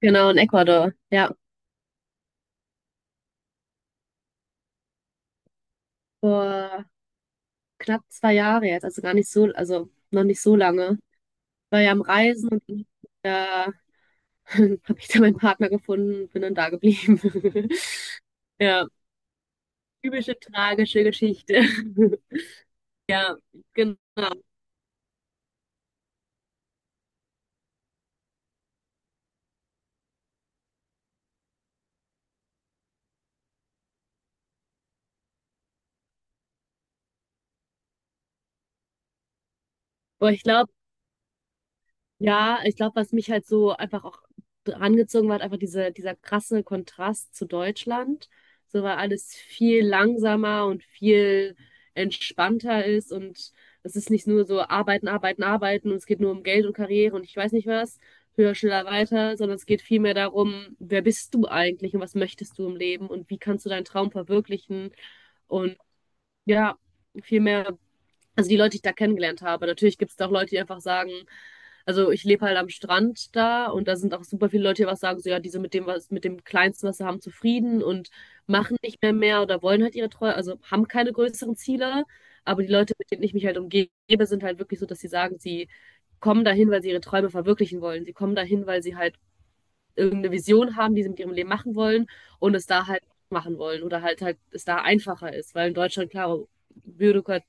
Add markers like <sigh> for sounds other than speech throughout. Genau, in Ecuador. Ja, vor knapp 2 Jahre jetzt, also gar nicht so, also noch nicht so lange. War ja am Reisen und dann da <laughs> habe ich da meinen Partner gefunden, bin dann da geblieben. <laughs> Ja, typische tragische Geschichte. <laughs> Genau. Aber ich glaube, ja, ich glaube, was mich halt so einfach auch angezogen hat, einfach diese, dieser krasse Kontrast zu Deutschland. So, weil alles viel langsamer und viel entspannter ist und es ist nicht nur so arbeiten, arbeiten, arbeiten und es geht nur um Geld und Karriere und ich weiß nicht was, höher, schneller, weiter, sondern es geht vielmehr darum, wer bist du eigentlich und was möchtest du im Leben und wie kannst du deinen Traum verwirklichen, und ja, viel mehr, also die Leute, die ich da kennengelernt habe. Natürlich gibt es da auch Leute, die einfach sagen, also ich lebe halt am Strand da und da sind auch super viele Leute, die was sagen, so ja, die sind mit dem, was, mit dem Kleinsten, was sie haben, zufrieden und machen nicht mehr mehr oder wollen halt ihre Treue, also haben keine größeren Ziele. Aber die Leute, mit denen ich mich halt umgebe, sind halt wirklich so, dass sie sagen, sie kommen dahin, weil sie ihre Träume verwirklichen wollen. Sie kommen dahin, weil sie halt irgendeine Vision haben, die sie mit ihrem Leben machen wollen und es da halt machen wollen, oder halt es da einfacher ist, weil in Deutschland, klar, Bürokrat.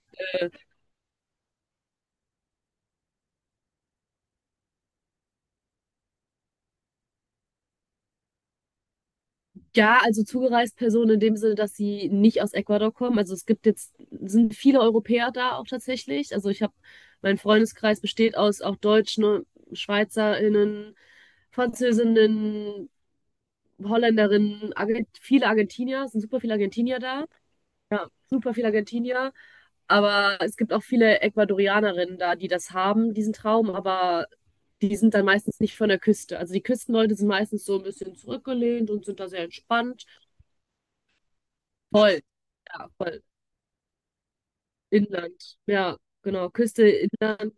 Ja, also zugereist Personen in dem Sinne, dass sie nicht aus Ecuador kommen. Also es gibt jetzt, sind viele Europäer da auch tatsächlich. Also ich habe, mein Freundeskreis besteht aus auch Deutschen, SchweizerInnen, Französinnen, Holländerinnen, Argent viele Argentinier, es sind super viele Argentinier da, super viele Argentinier. Aber es gibt auch viele Ecuadorianerinnen da, die das haben, diesen Traum, aber die sind dann meistens nicht von der Küste. Also die Küstenleute sind meistens so ein bisschen zurückgelehnt und sind da sehr entspannt. Voll, ja, voll. Inland, ja, genau. Küste, Inland,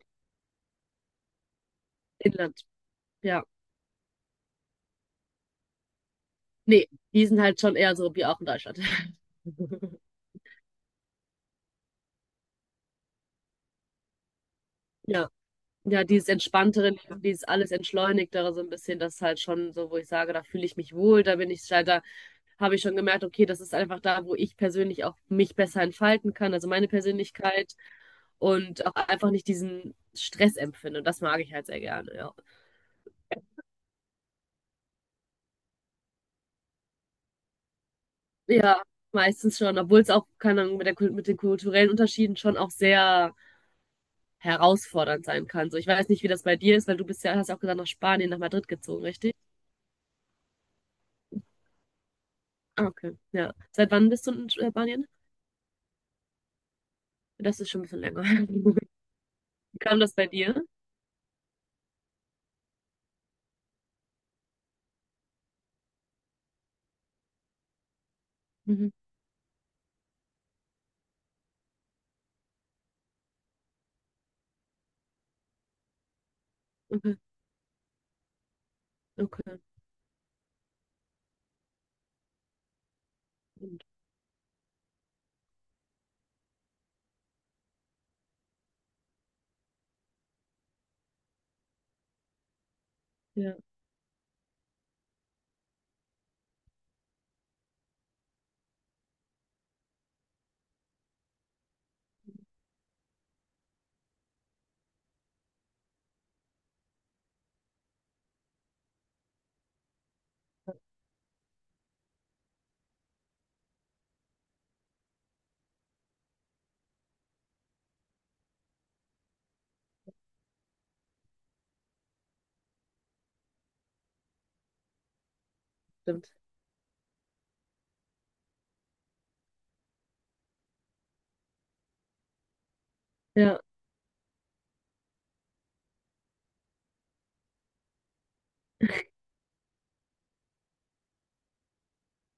Inland, ja. Nee, die sind halt schon eher so wie auch in Deutschland. <laughs> Ja, ja, dieses entspanntere Leben, dieses alles entschleunigtere so ein bisschen, das ist halt schon so, wo ich sage, da fühle ich mich wohl, da bin ich, da habe ich schon gemerkt, okay, das ist einfach da, wo ich persönlich auch mich besser entfalten kann, also meine Persönlichkeit und auch einfach nicht diesen Stress empfinde. Und das mag ich halt sehr gerne, ja. Ja, meistens schon, obwohl es auch, keine Ahnung, mit den kulturellen Unterschieden schon auch sehr herausfordernd sein kann. So, ich weiß nicht, wie das bei dir ist, weil du bist ja, hast ja auch gesagt, nach Spanien, nach Madrid gezogen, richtig? Ah, okay. Ja. Seit wann bist du in Spanien? Das ist schon ein bisschen länger. <laughs> Wie kam das bei dir? Mhm. Okay, okay. Stimmt. Ja, stimmt. Ja,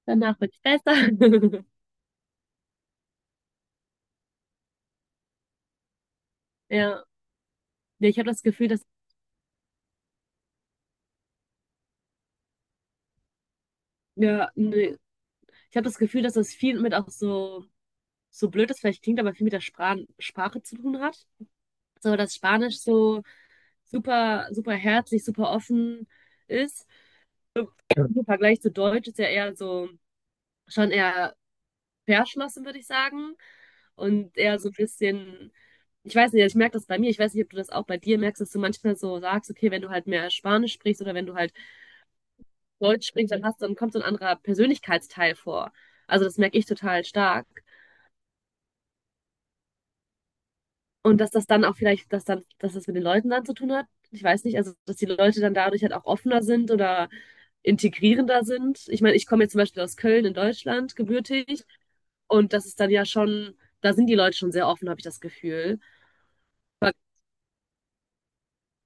danach wird es besser. <laughs> Ja. Nee, ich habe das Gefühl, dass, ja, nee. Ich habe das Gefühl, dass das viel mit auch so, so blöd das vielleicht klingt, aber viel mit der Sprache zu tun hat. So, dass Spanisch so super, super herzlich, super offen ist. So, im Vergleich zu Deutsch ist ja eher so, schon eher verschlossen, würde ich sagen. Und eher so ein bisschen, ich weiß nicht, ich merke das bei mir, ich weiß nicht, ob du das auch bei dir merkst, dass du manchmal so sagst, okay, wenn du halt mehr Spanisch sprichst oder wenn du halt Deutsch sprichst, dann kommt so ein anderer Persönlichkeitsteil vor. Also das merke ich total stark. Und dass das dann auch vielleicht, dass dann, dass das mit den Leuten dann zu tun hat. Ich weiß nicht, also dass die Leute dann dadurch halt auch offener sind oder integrierender sind. Ich meine, ich komme jetzt zum Beispiel aus Köln in Deutschland, gebürtig, und das ist dann ja schon, da sind die Leute schon sehr offen, habe ich das Gefühl. Aber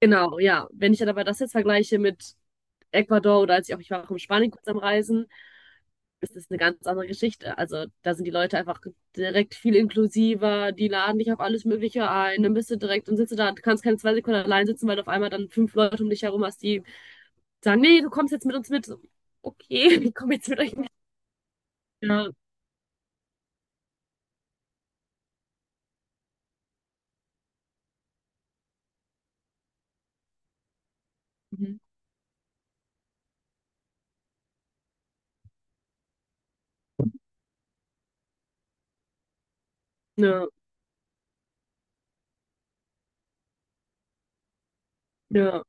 genau, ja. Wenn ich dann aber das jetzt vergleiche mit Ecuador oder als ich auch, ich war auch in Spanien kurz am Reisen, ist das eine ganz andere Geschichte. Also da sind die Leute einfach direkt viel inklusiver, die laden dich auf alles Mögliche ein, dann bist du direkt und sitzt du da, du kannst keine 2 Sekunden allein sitzen, weil du auf einmal dann fünf Leute um dich herum hast, die sagen, nee, du kommst jetzt mit uns mit. So, okay, <laughs> ich komme jetzt mit euch mit. Ja. Mhm. Ja, ja.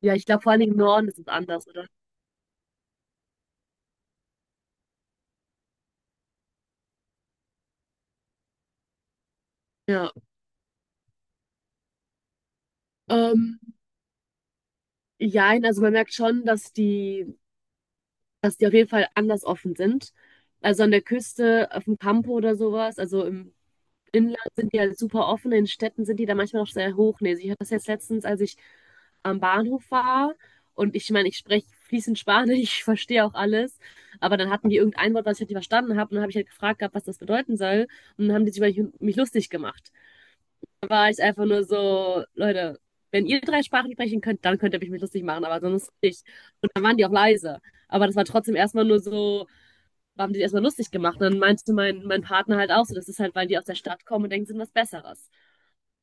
Ja, ich glaube vor allen Dingen im Norden ist es anders, oder? Ja. Ähm, jein, also man merkt schon, dass die auf jeden Fall anders offen sind. Also an der Küste, auf dem Campo oder sowas, also im Inland sind die halt super offen, in Städten sind die da manchmal noch sehr hochnäsig. Ich hatte das jetzt letztens, als ich am Bahnhof war und ich meine, ich spreche fließend Spanisch, <laughs> ich verstehe auch alles, aber dann hatten die irgendein Wort, was ich halt nicht verstanden habe und dann habe ich halt gefragt gehabt, was das bedeuten soll und dann haben die sich über mich lustig gemacht. Da war ich einfach nur so, Leute, wenn ihr drei Sprachen sprechen könnt, dann könnt ihr mich mit lustig machen, aber sonst nicht. Und dann waren die auch leise, aber das war trotzdem erstmal nur so, haben die erstmal lustig gemacht. Und dann meinte mein Partner halt auch so, das ist halt, weil die aus der Stadt kommen und denken, sie sind was Besseres.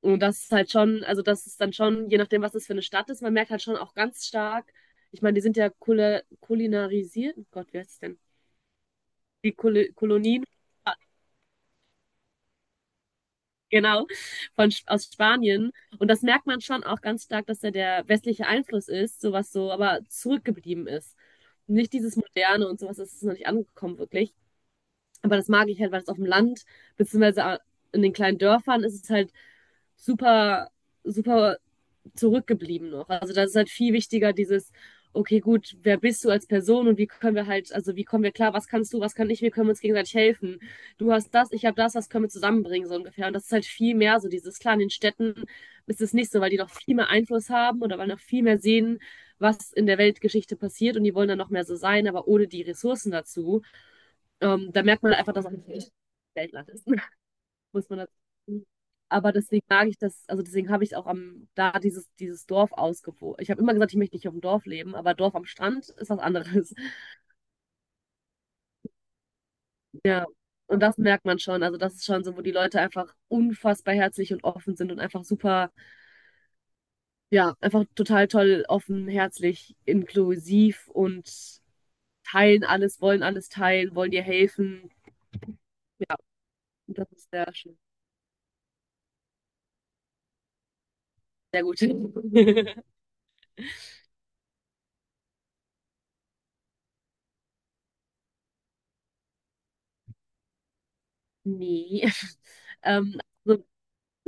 Und das ist halt schon, also das ist dann schon, je nachdem, was das für eine Stadt ist, man merkt halt schon auch ganz stark, ich meine, die sind ja kulinarisiert, oh Gott, wie heißt es denn? Die Kul Kolonien, genau, aus Spanien. Und das merkt man schon auch ganz stark, dass da der westliche Einfluss ist, sowas so, aber zurückgeblieben ist. Nicht dieses Moderne und sowas, das ist noch nicht angekommen, wirklich. Aber das mag ich halt, weil es auf dem Land, beziehungsweise in den kleinen Dörfern ist es halt super, super zurückgeblieben noch. Also das ist halt viel wichtiger, dieses, okay, gut, wer bist du als Person und wie können wir halt, also wie kommen wir klar, was kannst du, was kann ich, wir können uns gegenseitig helfen. Du hast das, ich habe das, was können wir zusammenbringen, so ungefähr. Und das ist halt viel mehr so dieses, klar, in den Städten ist es nicht so, weil die noch viel mehr Einfluss haben oder weil noch viel mehr sehen, was in der Weltgeschichte passiert und die wollen dann noch mehr so sein, aber ohne die Ressourcen dazu. Da merkt man einfach, dass es nicht Weltland ist, muss man dazu sagen. Aber deswegen mag ich das, also deswegen habe ich auch am, da dieses Dorf ausgewogen. Ich habe immer gesagt, ich möchte nicht auf dem Dorf leben, aber Dorf am Strand ist was anderes. <laughs> Ja. Und das merkt man schon. Also das ist schon so, wo die Leute einfach unfassbar herzlich und offen sind und einfach super, ja, einfach total toll, offen, herzlich, inklusiv und teilen alles, wollen alles teilen, wollen dir helfen. Und das ist sehr schön. Sehr gut. <laughs> Nee. <laughs> Ähm, so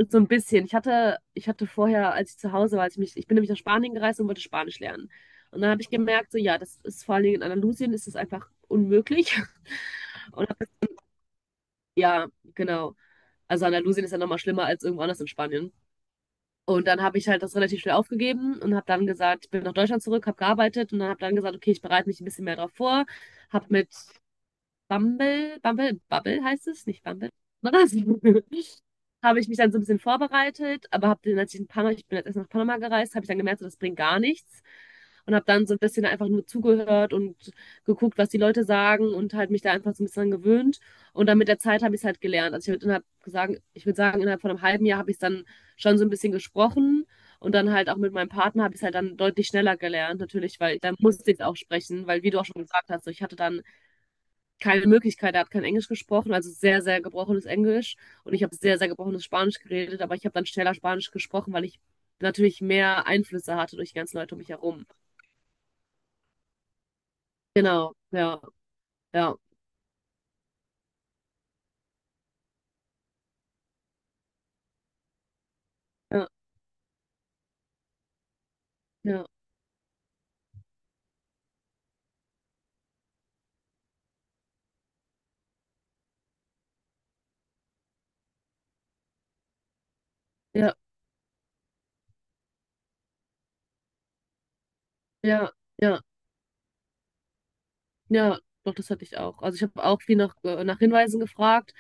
So ein bisschen. Ich hatte vorher, als ich zu Hause war, ich bin nämlich nach Spanien gereist und wollte Spanisch lernen. Und dann habe ich gemerkt, so ja, das ist vor allen Dingen in Andalusien ist das einfach unmöglich. <laughs> Und hab, ja, genau. Also Andalusien ist ja nochmal schlimmer als irgendwo anders in Spanien. Und dann habe ich halt das relativ schnell aufgegeben und habe dann gesagt, ich bin nach Deutschland zurück, habe gearbeitet und dann habe dann gesagt, okay, ich bereite mich ein bisschen mehr darauf vor, habe mit Bumble, Bumble, Bubble heißt es, nicht Bumble. Was? <laughs> Habe ich mich dann so ein bisschen vorbereitet, aber habe dann, als ich in Panama, ich bin jetzt erst nach Panama gereist, habe ich dann gemerkt, so, das bringt gar nichts. Und habe dann so ein bisschen einfach nur zugehört und geguckt, was die Leute sagen und halt mich da einfach so ein bisschen dran gewöhnt. Und dann mit der Zeit habe ich es halt gelernt. Also ich würde innerhalb sagen, ich würde sagen, innerhalb von einem halben Jahr habe ich es dann schon so ein bisschen gesprochen. Und dann halt auch mit meinem Partner habe ich es halt dann deutlich schneller gelernt, natürlich, weil dann musste ich es auch sprechen, weil wie du auch schon gesagt hast, so ich hatte dann keine Möglichkeit, er hat kein Englisch gesprochen, also sehr, sehr gebrochenes Englisch. Und ich habe sehr, sehr gebrochenes Spanisch geredet, aber ich habe dann schneller Spanisch gesprochen, weil ich natürlich mehr Einflüsse hatte durch die ganzen Leute um mich herum. Genau, ja, ja, ja, ja, ja, ja, ja, ja, doch, das hatte ich auch. Also ich habe auch viel nach Hinweisen gefragt,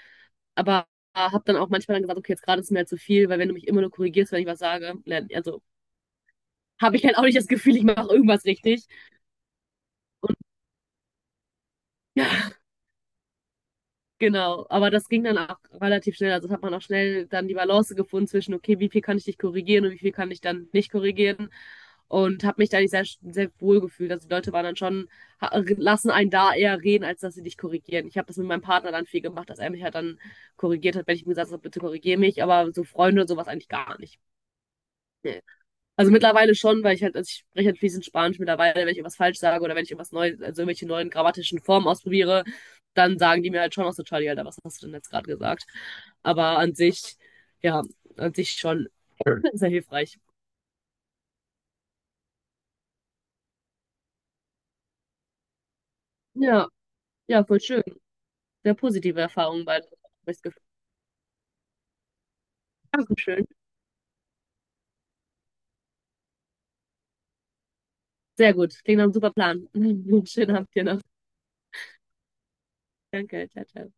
aber habe dann auch manchmal dann gesagt, okay, jetzt gerade ist mir halt zu viel, weil wenn du mich immer nur korrigierst, wenn ich was sage, also habe ich halt auch nicht das Gefühl, ich mache irgendwas richtig. Und ja, genau, aber das ging dann auch relativ schnell. Also das hat man auch schnell dann die Balance gefunden zwischen, okay, wie viel kann ich dich korrigieren und wie viel kann ich dann nicht korrigieren. Und habe mich da nicht sehr, sehr wohl gefühlt. Also die Leute waren dann schon, ha- lassen einen da eher reden, als dass sie dich korrigieren. Ich habe das mit meinem Partner dann viel gemacht, dass er mich halt dann korrigiert hat, wenn ich ihm gesagt habe, bitte korrigiere mich. Aber so Freunde und sowas eigentlich gar nicht. Nee. Also mittlerweile schon, weil ich halt, also ich spreche halt fließend Spanisch mittlerweile, wenn ich irgendwas falsch sage oder wenn ich irgendwas Neues, also irgendwelche neuen grammatischen Formen ausprobiere, dann sagen die mir halt schon auch so, Charlie, Alter, was hast du denn jetzt gerade gesagt? Aber an sich, ja, an sich schon <laughs> sehr hilfreich. Ja, ja, voll schön. Sehr positive Erfahrungen beide. Hab ich das Gefühl. Dankeschön. Sehr gut. Klingt nach einem super Plan. <laughs> Schönen Abend dir noch. Danke. Ciao, ciao.